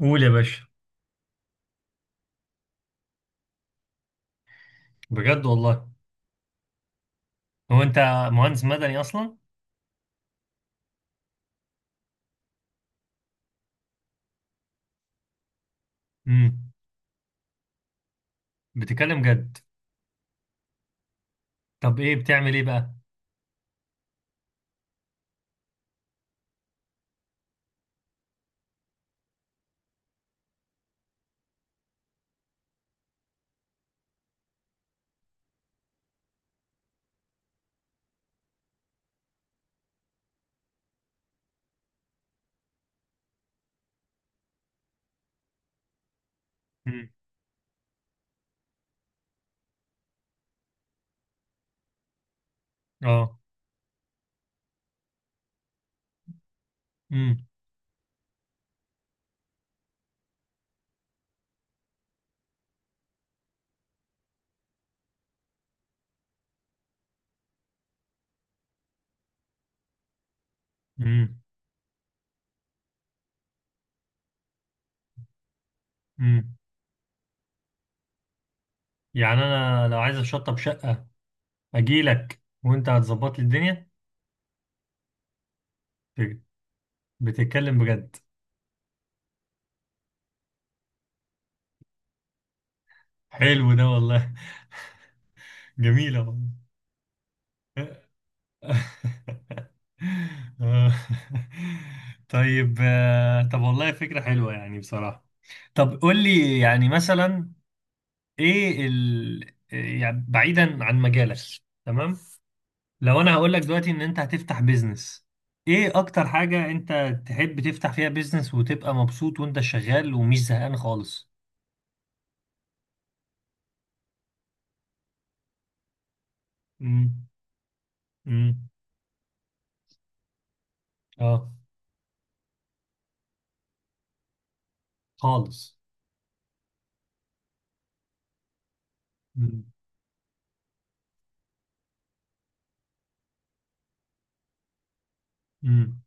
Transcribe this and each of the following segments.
قول يا باشا. بجد والله. هو انت مهندس مدني اصلا؟ امم بتتكلم جد؟ طب ايه بتعمل، ايه بقى؟ امم اه امم امم امم يعني انا لو عايز اشطب شقة اجي لك وانت هتظبط لي الدنيا. بت- بتتكلم بجد؟ حلو ده والله. جميلة والله. آه. طيب، آه، طب والله فكرة حلوة يعني بصراحة. طب قول لي يعني مثلا ايه آه، يعني بعيدا عن مجالك. تمام. لو انا هقول لك دلوقتي ان انت هتفتح بيزنس، ايه اكتر حاجة انت تحب تفتح فيها بيزنس وتبقى مبسوط وانت شغال ومش زهقان خالص؟ امم امم اه. خالص. امم امم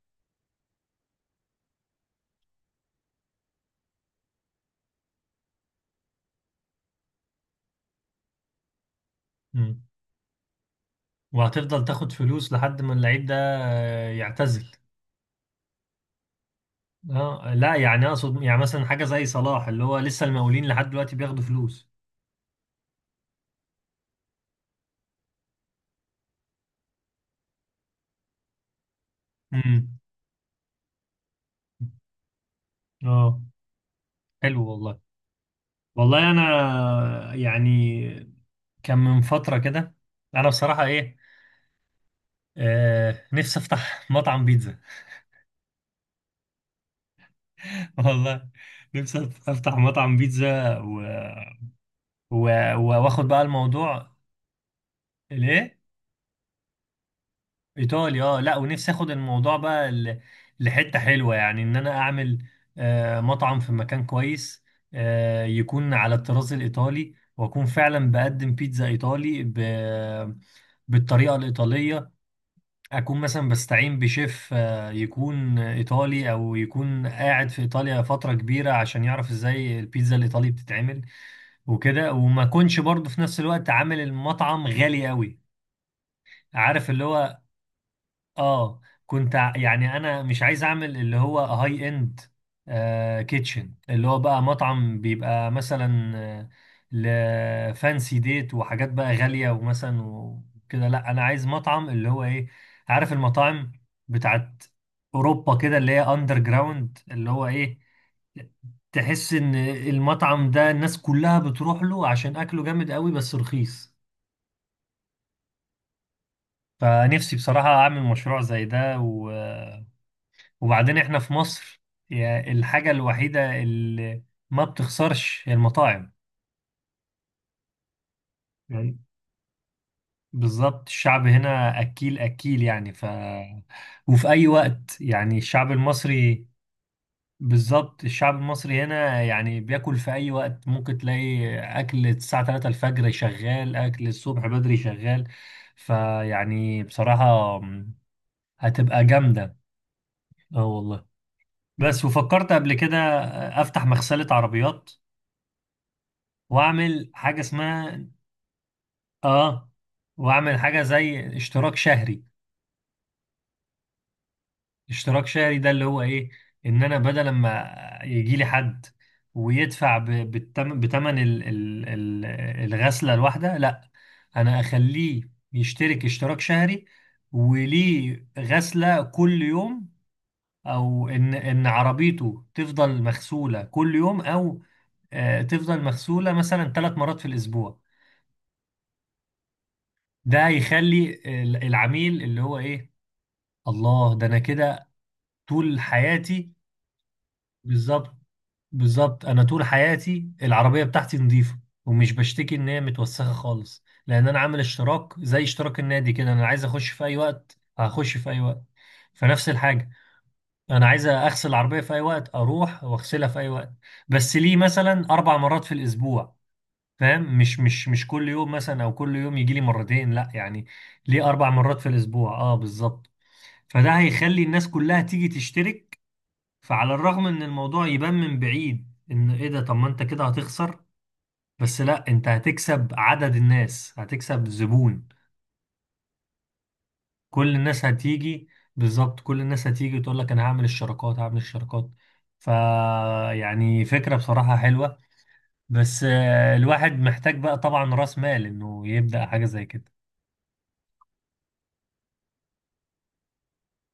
أمم. وهتفضل تاخد فلوس لحد ما اللعيب ده، آه، يعتزل؟ اه لا، يعني اقصد يعني مثلا حاجة زي صلاح اللي هو لسه المقاولين لحد دلوقتي بياخدوا فلوس. امم اه. حلو والله. والله انا يعني كان من فترة كده، انا بصراحة ايه، آه، نفسي افتح مطعم بيتزا. والله نفسي افتح مطعم بيتزا و... واخد بقى الموضوع. ليه؟ ايطالي اه. لا ونفسي اخد الموضوع بقى لحتة حلوة يعني ان انا اعمل آه مطعم في مكان كويس، آه، يكون على الطراز الايطالي، واكون فعلا بقدم بيتزا ايطالي بالطريقة الإيطالية. اكون مثلا بستعين بشيف، آه، يكون ايطالي او يكون قاعد في ايطاليا فتره كبيره عشان يعرف ازاي البيتزا الايطالي بتتعمل. وكده وما اكونش برضه في نفس الوقت عامل المطعم غالي قوي. عارف اللي هو، اه، يعني انا مش عايز اعمل اللي هو هاي اند كيتشن، اللي هو بقى مطعم بيبقى مثلا، آه، لفانسي ديت وحاجات بقى غالية ومثلا وكده. لا، انا عايز مطعم اللي هو ايه؟ عارف المطاعم بتاعت اوروبا كده، اللي هي اندر جراوند، اللي هو ايه، تحس ان المطعم ده الناس كلها بتروح له عشان اكله جامد قوي بس رخيص. فنفسي بصراحة اعمل مشروع زي ده. وبعدين احنا في مصر، يعني الحاجة الوحيدة اللي ما بتخسرش هي المطاعم. يعني بالظبط الشعب هنا أكيل أكيل يعني ف، وفي أي وقت يعني الشعب المصري، بالظبط الشعب المصري هنا يعني بياكل في أي وقت، ممكن تلاقي أكل الساعة 3 الفجر شغال، أكل الصبح بدري شغال. فيعني بصراحة هتبقى جامدة، اه والله. بس وفكرت قبل كده أفتح مغسلة عربيات واعمل حاجه اسمها، اه، واعمل حاجه زي اشتراك شهري. اشتراك شهري ده اللي هو ايه، ان انا بدل ما يجي لي حد ويدفع ب- بالتم... بتمن ال... ال... ال... الغسله الواحده، لا، انا اخليه يشترك اشتراك شهري، وليه غسله كل يوم، او ان عربيته تفضل مغسوله كل يوم، او آه، تفضل مغسوله مثلا 3 مرات في الاسبوع. ده يخلي العميل اللي هو ايه؟ الله ده انا كده طول حياتي بالظبط. بالظبط انا طول حياتي العربية بتاعتي نظيفة ومش بشتكي ان هي متوسخة خالص، لان انا عامل اشتراك زي اشتراك النادي كده، انا عايز اخش في اي وقت هخش في اي وقت. فنفس الحاجة، انا عايز اغسل العربية في اي وقت اروح واغسلها في اي وقت، بس ليه مثلا 4 مرات في الاسبوع. فاهم؟ مش كل يوم مثلا او كل يوم يجي لي مرتين، لا يعني ليه 4 مرات في الاسبوع، اه بالظبط. فده هيخلي الناس كلها تيجي تشترك. فعلى الرغم ان الموضوع يبان من بعيد ان ايه ده، طب ما انت كده هتخسر، بس لا انت هتكسب عدد الناس، هتكسب زبون. كل الناس هتيجي. بالظبط كل الناس هتيجي وتقول لك انا هعمل الشراكات هعمل الشراكات. ف، يعني فكرة بصراحة حلوة، بس آه، الواحد محتاج بقى طبعا راس مال انه يبدأ حاجة زي كده.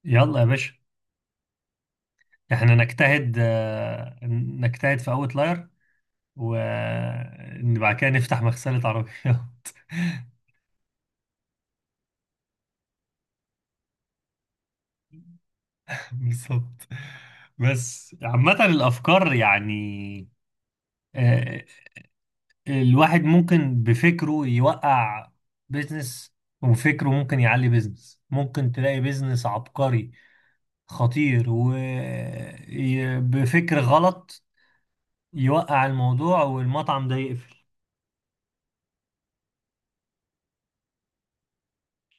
يلا يا باشا، احنا نجتهد، آه، نجتهد في اوتلاير وبعد كده نفتح مغسلة عربيات. بالظبط. بس عامة الأفكار يعني، آه، الواحد ممكن بفكره يوقع بيزنس وفكره ممكن يعلي بيزنس، ممكن تلاقي بيزنس عبقري خطير وبفكر غلط يوقع الموضوع والمطعم ده يقفل.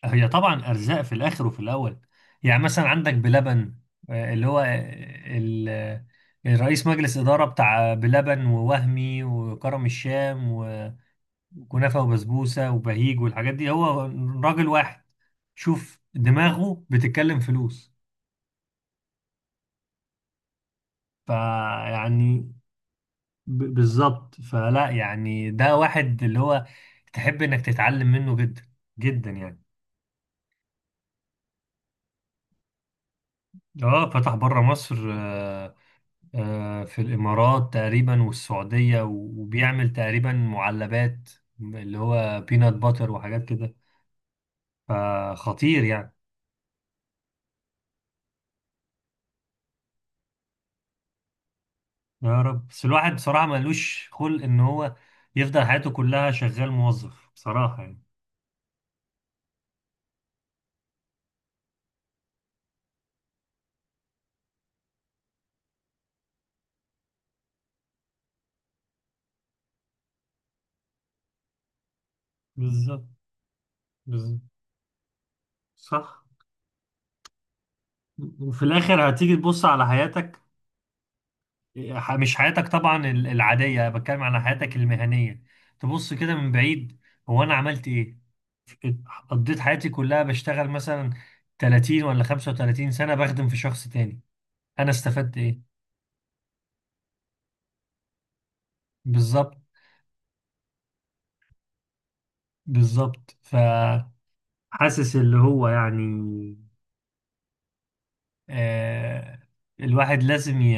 هي طبعا ارزاق في الاخر وفي الاول. يعني مثلا عندك بلبن، آه، اللي هو، آه، الرئيس مجلس اداره بتاع بلبن ووهمي وكرم الشام وكنافه وبسبوسه وبهيج والحاجات دي، هو راجل واحد. شوف دماغه بتتكلم فلوس. فيعني بالظبط، فلا يعني ده واحد اللي هو تحب انك تتعلم منه جدا جدا يعني. اه فتح بره مصر، آه، آه، في الإمارات تقريبا والسعودية وبيعمل تقريبا معلبات، اللي هو بينات باتر وحاجات كده، فخطير يعني. يا رب، بس الواحد بصراحة ملوش خلق إن هو يفضل حياته كلها شغال موظف بصراحة يعني. بالظبط. بالظبط صح. وفي الآخر هتيجي تبص على حياتك، مش حياتك طبعا العادية، بتكلم عن حياتك المهنية. تبص كده من بعيد، هو أنا عملت إيه؟ قضيت حياتي كلها بشتغل مثلا 30 ولا 35 سنة بخدم في شخص تاني، أنا استفدت إيه؟ بالظبط. بالظبط فحاسس اللي هو يعني، آه، الواحد لازم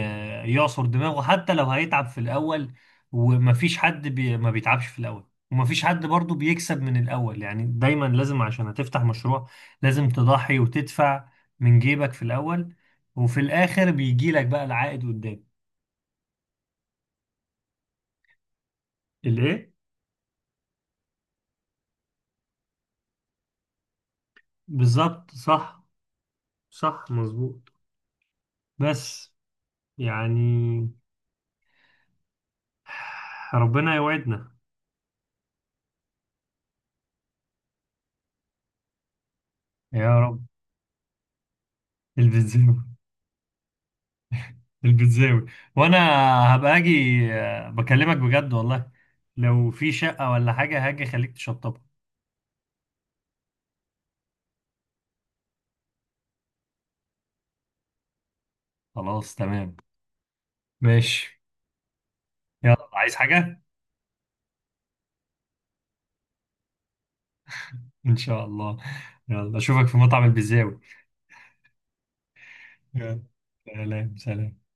يعصر دماغه حتى لو هيتعب في الأول. ومفيش حد بي ما بيتعبش في الأول ومفيش حد برضو بيكسب من الأول، يعني دايما لازم عشان هتفتح مشروع لازم تضحي وتدفع من جيبك في الأول، وفي الآخر بيجي لك بقى العائد قدام. الإيه؟ بالظبط صح. صح مظبوط. بس يعني ربنا يوعدنا. يا رب. البنزين، البيتزاوي. وانا هبقى اجي، آه، بكلمك بجد والله، لو في شقة ولا حاجة هاجي خليك تشطبها. خلاص تمام. ماشي. يلا، عايز حاجة؟ ان شاء الله. يلا اشوفك في مطعم البيتزاوي. يلا سلام سلام.